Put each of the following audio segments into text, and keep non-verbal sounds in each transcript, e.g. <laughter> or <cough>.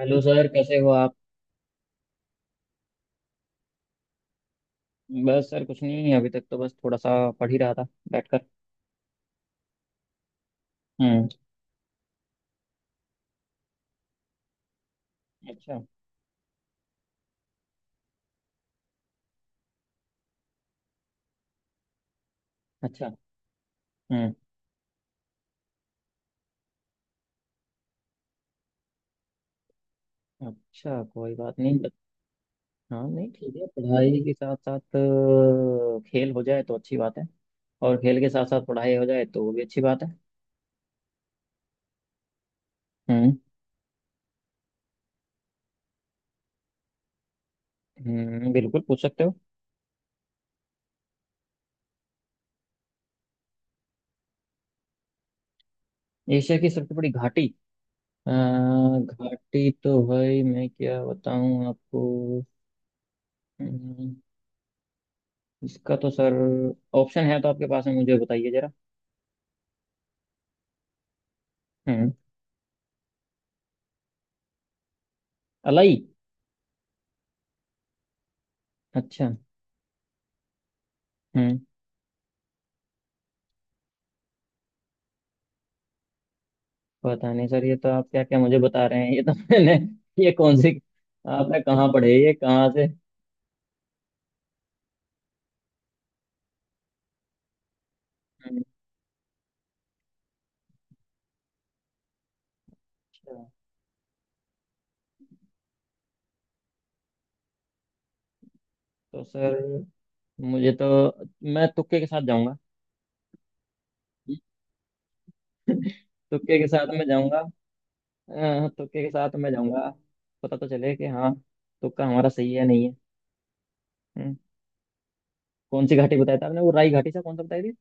Hello sir, कैसे हो आप। बस सर, कुछ नहीं, अभी तक तो बस थोड़ा सा पढ़ ही रहा था बैठकर। हम्म। अच्छा। अच्छा। हम्म। अच्छा, कोई बात नहीं हाँ, नहीं ठीक है, पढ़ाई के साथ साथ खेल हो जाए तो अच्छी बात है। और खेल के साथ साथ पढ़ाई हो जाए तो वो भी अच्छी बात है। हम्म। बिल्कुल पूछ सकते हो। एशिया की सबसे बड़ी घाटी। घाटी तो भाई, मैं क्या बताऊं आपको। हम्म, इसका तो सर, ऑप्शन है तो आपके पास में, मुझे बताइए जरा। हम्म। अलाई। अच्छा। हम्म। पता नहीं सर, ये तो आप क्या क्या मुझे बता रहे हैं, ये तो <laughs> मैंने ये कौन सी, आपने कहाँ पढ़े, ये कहाँ से। हम्म, अच्छा, तो सर मुझे तो, मैं तुक्के के साथ जाऊंगा। <laughs> तुक्के के साथ मैं जाऊंगा। तुक्के के साथ मैं जाऊंगा। पता तो चले कि हाँ, तुक्का हमारा सही है, नहीं है। हम्म, कौन सी घाटी बताया था आपने, वो राई घाटी से कौन सा बताई थी।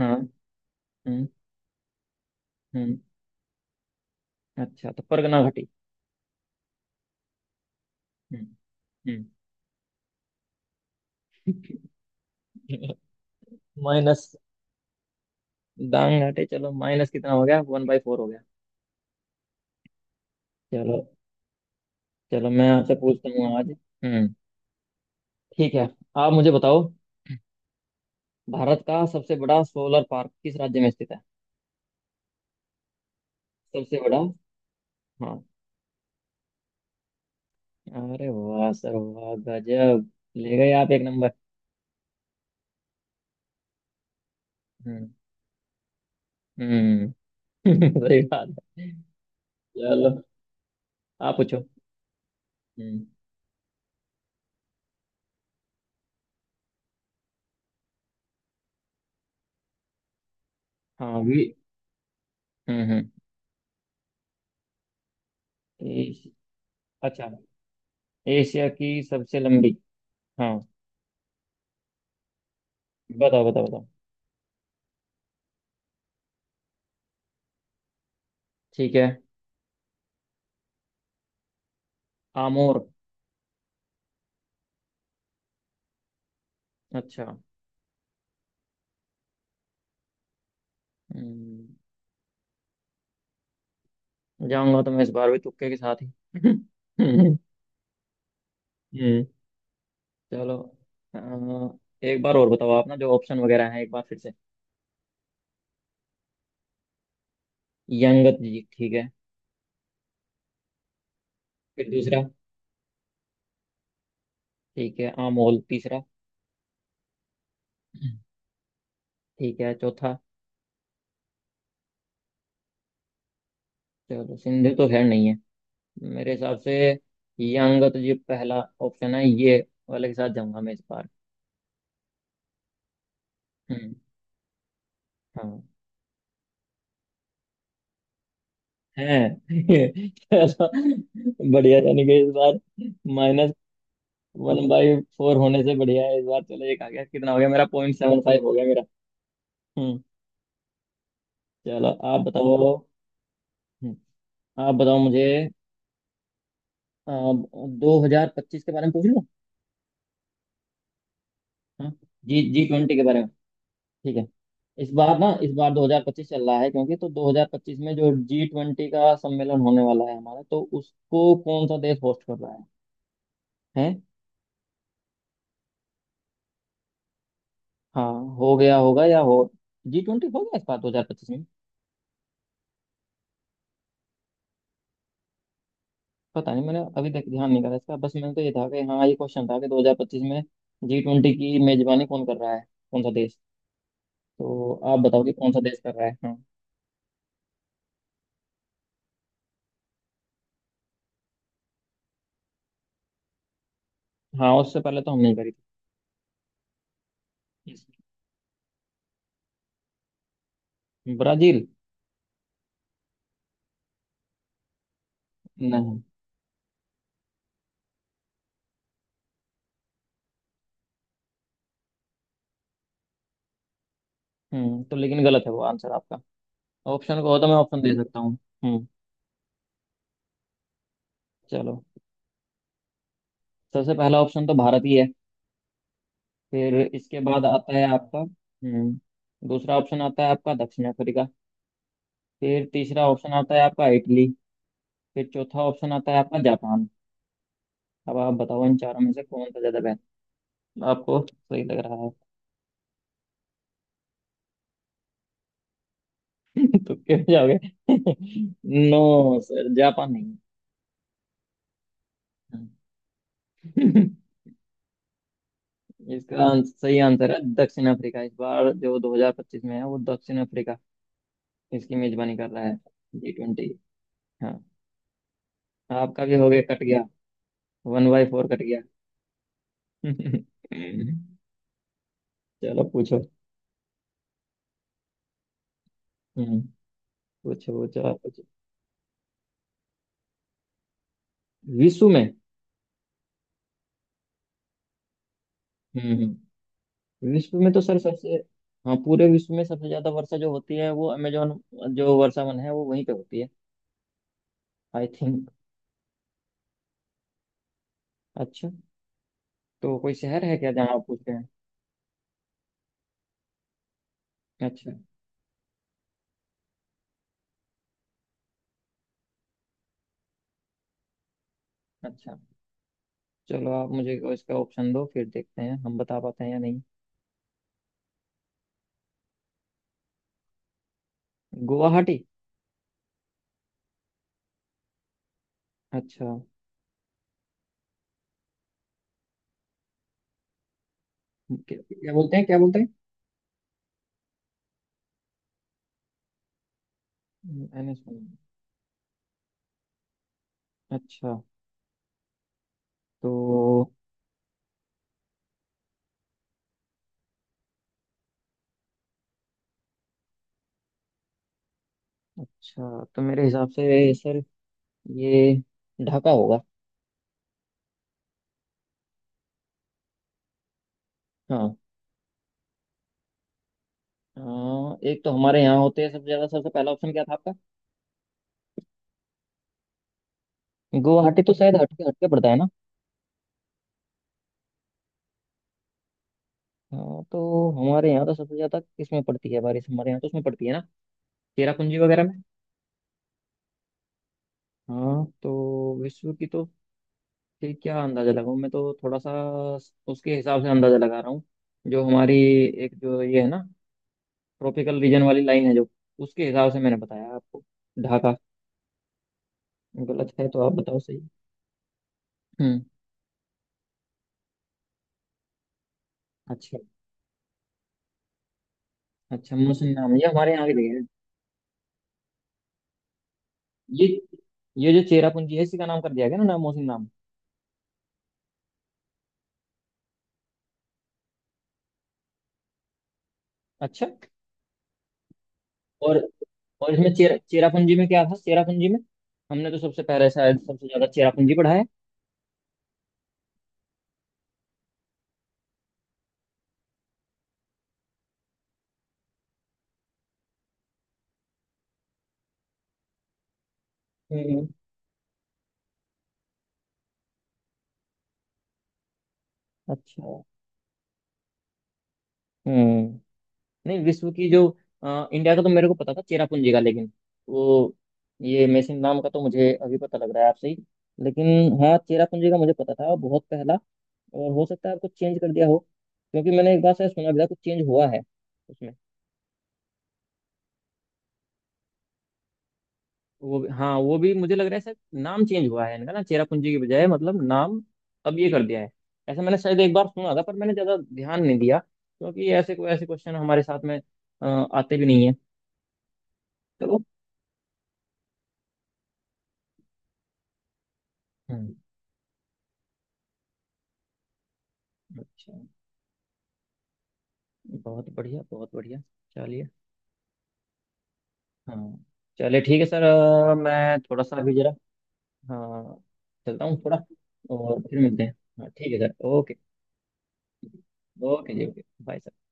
हाँ। हम्म। हम्म। अच्छा, तो परगना घाटी। हम्म। हम्म। <laughs> माइनस। दांग घाटी। चलो, माइनस कितना हो गया, 1/4 हो गया। चलो। चलो, मैं आपसे पूछता हूँ आज। हम्म। ठीक है। आप मुझे बताओ, भारत का सबसे बड़ा सोलर पार्क किस राज्य में स्थित है। सबसे बड़ा। हाँ। अरे वाह सर, वाह गजब। ले गए आप एक नंबर। हम्म। हम्म। <laughs> सही बात है। चलो। आप पूछो। हम्म। हाँ भी। हम्म। हम्म। एश, अच्छा, एशिया की सबसे लंबी। हाँ। बताओ बताओ बताओ। ठीक है। आमोर। अच्छा। हम्म, जाऊंगा तो मैं इस बार भी तुक्के के साथ ही। <laughs> हम्म। चलो। अ, एक बार और बताओ आप ना, जो ऑप्शन वगैरह है एक बार फिर से। यंगत जी, ठीक है। फिर दूसरा। ठीक है, अमोल। तीसरा। ठीक है, चौथा। चलो, सिंधु तो खैर नहीं है मेरे हिसाब से। यंगत जी पहला ऑप्शन है, ये वाले के साथ जाऊंगा मैं इस बार। हम्म। हाँ। है। <laughs> चलो, बढ़िया, यानी कि इस बार माइनस 1/4 होने से बढ़िया है। इस बार चलो, एक आ गया, कितना हो गया मेरा, 0.75 हो गया मेरा। हम्म। चलो, आप बताओ। हम्म, आप बताओ मुझे, 2025 के बारे में पूछ लूँ। हाँ। जी, जी ट्वेंटी के बारे में। ठीक है। इस बार ना, इस बार 2025 चल रहा है, क्योंकि तो 2025 में जो जी ट्वेंटी का सम्मेलन होने वाला है हमारा, तो उसको कौन सा देश होस्ट कर रहा है। हैं। हाँ, हो गया होगा या हो। जी ट्वेंटी हो गया इस बार 2025 में। पता नहीं, मैंने अभी तक ध्यान नहीं करा इसका, बस मैंने तो ये था कि हाँ, ये क्वेश्चन था कि 2025 में जी ट्वेंटी की मेजबानी कौन कर रहा है, कौन सा देश। तो आप बताओ कि कौन सा देश कर रहा है, हाँ। हाँ, उससे पहले तो हम नहीं करी थी। ब्राजील। नहीं। तो लेकिन गलत है वो आंसर आपका। ऑप्शन को हो तो मैं ऑप्शन दे सकता हूँ। हम्म। चलो। सबसे पहला ऑप्शन तो भारत ही है। फिर इसके बाद आता है आपका दूसरा ऑप्शन, आता है आपका दक्षिण अफ्रीका। फिर तीसरा ऑप्शन आता है आपका इटली। फिर चौथा ऑप्शन आता है आपका जापान। अब आप बताओ इन चारों में से कौन सा ज्यादा बेहतर आपको सही लग रहा है। <laughs> तो क्यों जाओगे। <laughs> नो सर, जापान नहीं है। <laughs> इसका सही आंसर है दक्षिण अफ्रीका, इस बार जो 2025 में है वो दक्षिण अफ्रीका इसकी मेजबानी कर रहा है, जी ट्वेंटी। हाँ। आपका भी हो गया, कट गया, 1/4 कट गया। <laughs> चलो, पूछो। हम्म। पूछो पूछो, आप पूछो। विश्व में। हम्म। हम्म। विश्व में तो सर सबसे, हाँ पूरे विश्व में सबसे ज्यादा वर्षा जो होती है वो अमेजोन, जो वर्षावन है वो वहीं पे होती है, आई थिंक। अच्छा। तो कोई शहर है क्या जहाँ आप पूछ रहे हैं। अच्छा। अच्छा, चलो आप मुझे इसका ऑप्शन दो, फिर देखते हैं हम बता पाते हैं या नहीं। गुवाहाटी। अच्छा। क्या क्या बोलते हैं, क्या बोलते हैं। मैंने सुना। अच्छा। तो अच्छा, तो मेरे हिसाब से सर, ये ढाका होगा। हाँ। अ, एक तो हमारे यहाँ होते हैं सबसे ज्यादा, सबसे पहला ऑप्शन क्या था आपका। गुवाहाटी तो शायद हटके हटके पड़ता है ना। हाँ, तो हमारे यहाँ तो सबसे ज्यादा किसमें पड़ती है बारिश, हमारे यहाँ तो उसमें पड़ती है ना, चेरापूंजी वगैरह में। हाँ, तो विश्व की तो, कि क्या अंदाजा लगाऊं मैं तो, थोड़ा सा उसके हिसाब से अंदाजा लगा रहा हूँ, जो हमारी एक जो ये है ना, ट्रॉपिकल रीजन वाली लाइन है जो, उसके हिसाब से मैंने बताया आपको। ढाका। गलत है तो आप बताओ सही। हम्म। अच्छा। अच्छा, मोहसिन नाम ये हमारे यहाँ की जगह है। ये ये जो चेरापूंजी है इसी का नाम कर दिया गया ना, नाम मोहसिन नाम। अच्छा। और और इसमें चेरापूंजी में क्या था, चेरापूंजी में हमने तो सबसे पहले शायद सबसे ज्यादा चेरापूंजी पढ़ा है। हम्म। अच्छा। हम्म। नहीं, विश्व की जो, इंडिया का तो मेरे को पता था चेरापूंजी का, लेकिन वो, ये मेसिन नाम का तो मुझे अभी पता लग रहा है आपसे ही, लेकिन हाँ, चेरापूंजी का मुझे पता था बहुत पहला। और हो सकता है आपको चेंज कर दिया हो, क्योंकि मैंने एक बार शायद सुना भी था कुछ चेंज हुआ है उसमें। वो भी, हाँ वो भी मुझे लग रहा है सर, नाम चेंज हुआ है इनका ना, चेरापूंजी की बजाय मतलब नाम अब ये कर दिया है। ऐसा मैंने शायद एक बार सुना था, पर मैंने ज़्यादा ध्यान नहीं दिया क्योंकि ऐसे कोई ऐसे क्वेश्चन हमारे साथ में आते भी नहीं है। चलो। हम्म, अच्छा, बहुत बढ़िया, बहुत बढ़िया। चलिए। हाँ, चलिए ठीक है सर, मैं थोड़ा सा अभी जरा। हाँ, चलता हूँ थोड़ा और फिर मिलते हैं। हाँ ठीक है सर, ओके। ओके जी, ओके, बाय।